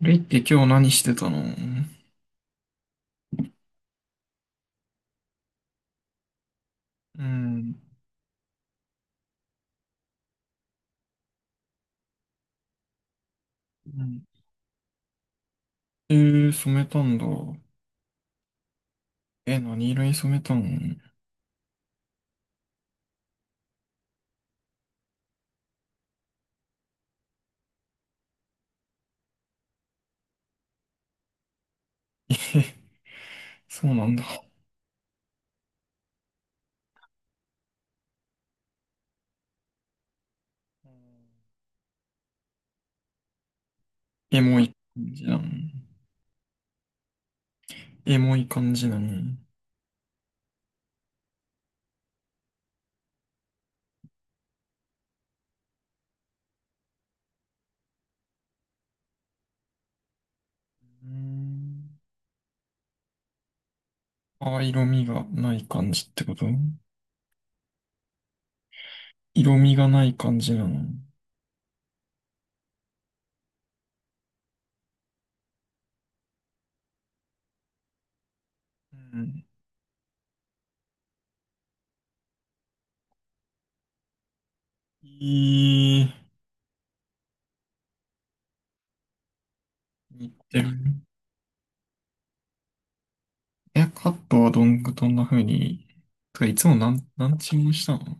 レイって今日何してたの？うん。うん。染めたんだ。え、何色に染めたの？え、そうなんだ。エモい感じなの？エモい感じなの？うん。あ、色味がない感じってこと？色味がない感じなの？うん。いい、似てる。え、カットはどんな風に、てかいつも何チームしたの？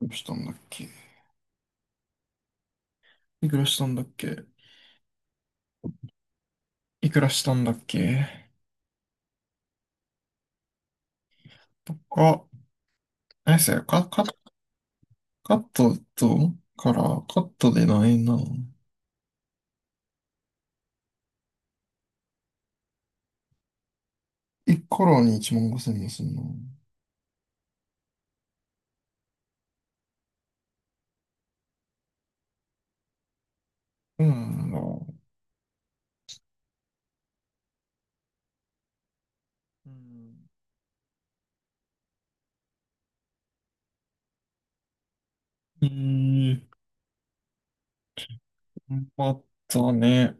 どうしたんだっけ？いくらしたんだっけ？いくらしたんだっけ？とか、何ですよ、カットと、から、カットで何円なの ?1 カラーに1万5千もすんの。そうなんだ。うん。うーん、頑張ったね。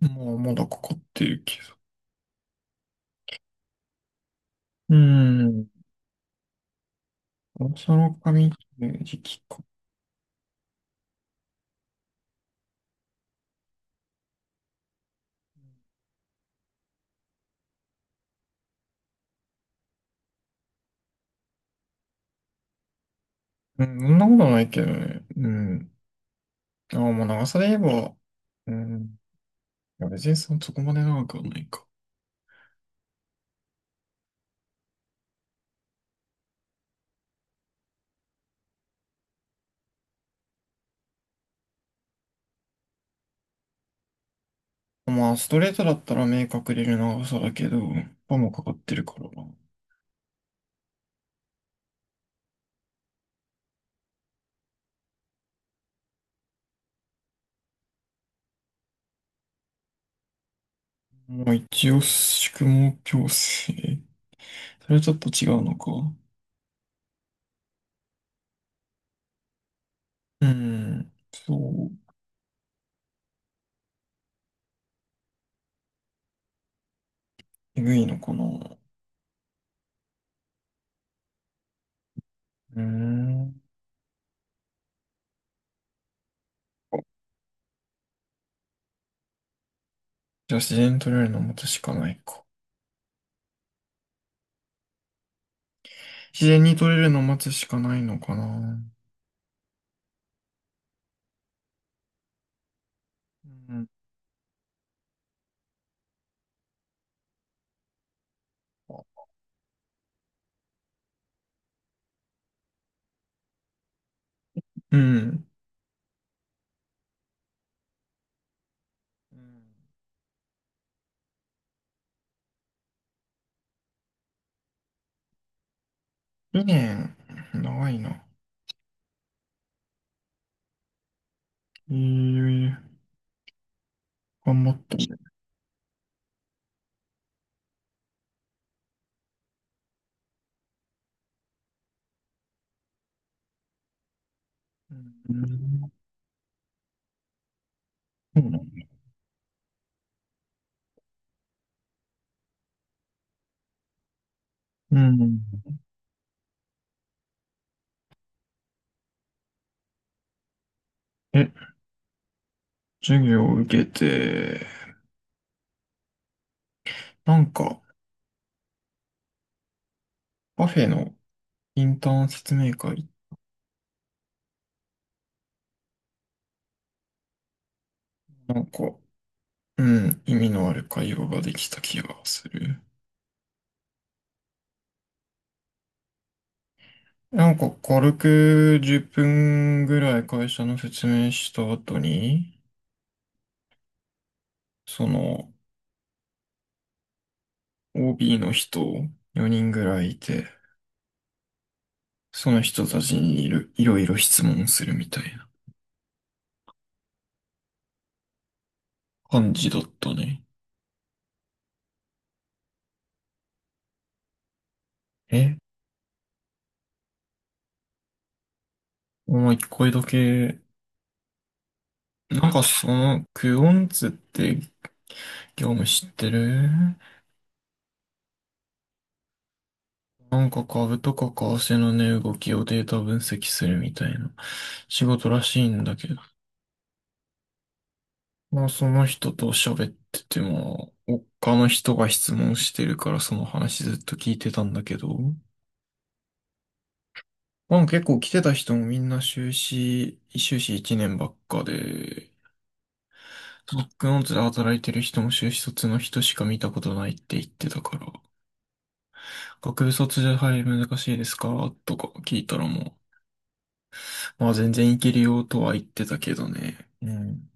もうまだかかってるけど。うーん、その髪切る時期か。うん、そんなことないけどね。うん。ああ、もう長さで言えば、うん。いや、別にそこまで長くはないか。まあ、ストレートだったら明確でる長さだけど、パンもかかってるから。まあ、一応、宿毛矯正。それはちょっと違うのか。うん、そう、えぐいのかな。うーん。じゃあ、自然に取れるのを待つしかないか。自然に取れるのを待つしかないのかな。うん。うん。2年、長いな。ええ、頑張ったね。うん。そうなんだ。うん。え、授業を受けて、なんか、カフェのインターン説明会、なんか、うん、意味のある会話ができた気がする。なんか、軽く10分ぐらい会社の説明した後に、その、OB の人4人ぐらいいて、その人たちにいろいろ質問するみたいな感じだったね。え、お前一回だけ、なんかその、クオンツって業務知ってる？なんか株とか為替の値動きをデータ分析するみたいな仕事らしいんだけど、まあその人と喋ってても、他の人が質問してるからその話ずっと聞いてたんだけど、まあ結構来てた人もみんな修士1年ばっかで、バックノーツで働いてる人も修士卒の人しか見たことないって言ってたから、学部卒で入り難しいですかとか聞いたらもう、まあ全然いけるよとは言ってたけどね。うん。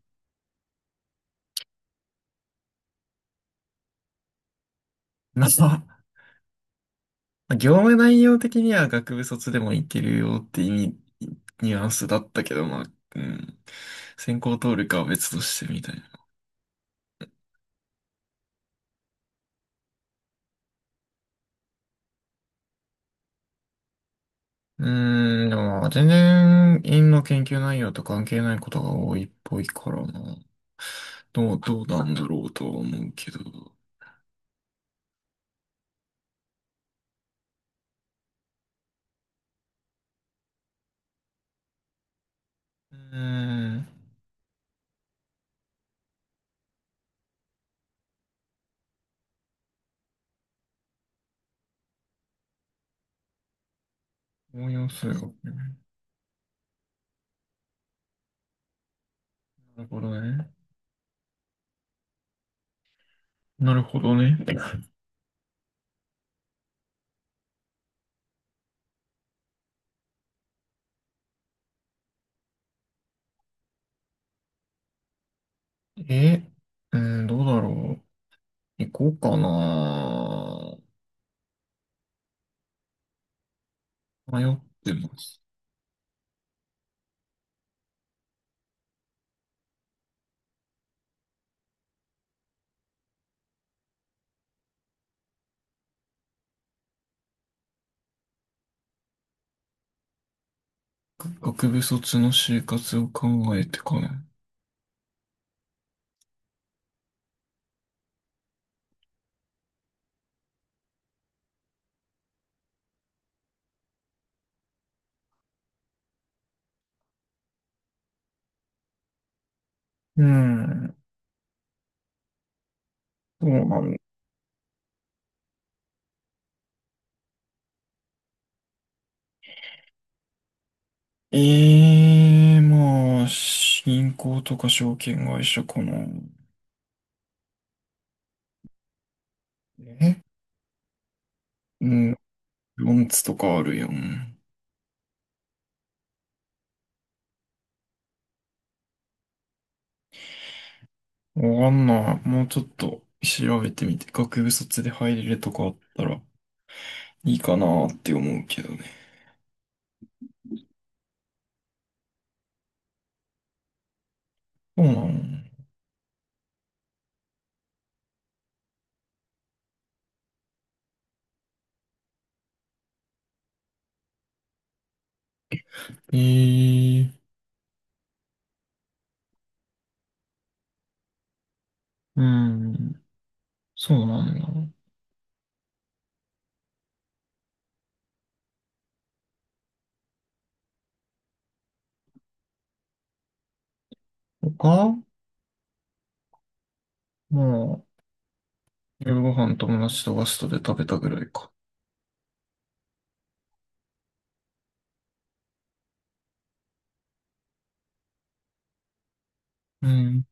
まあ、業務内容的には学部卒でもいけるよって意味、ニュアンスだったけど、まあ、うん。専攻通るかは別としてみたいな。うーん、でも、全然、院の研究内容と関係ないことが多いっぽいからな。どうなんだろうとは思うけど。うーん、応用数学ね。なるほどね。なるほどね。え、うーん、どうだろう。行こうかな。迷ってます。学部卒の就活を考えてかな。うん。そうなんだ。ええーまあ、銀行とか証券会社かな。え。うん。ロンツとかあるやん。わかんない。もうちょっと調べてみて、学部卒で入れるとかあったらいいかなって思うけどね。そうなの。ええ、うん。そうなんだ。他。まあ、夜ご飯友達とガストで食べたぐらいか。うん。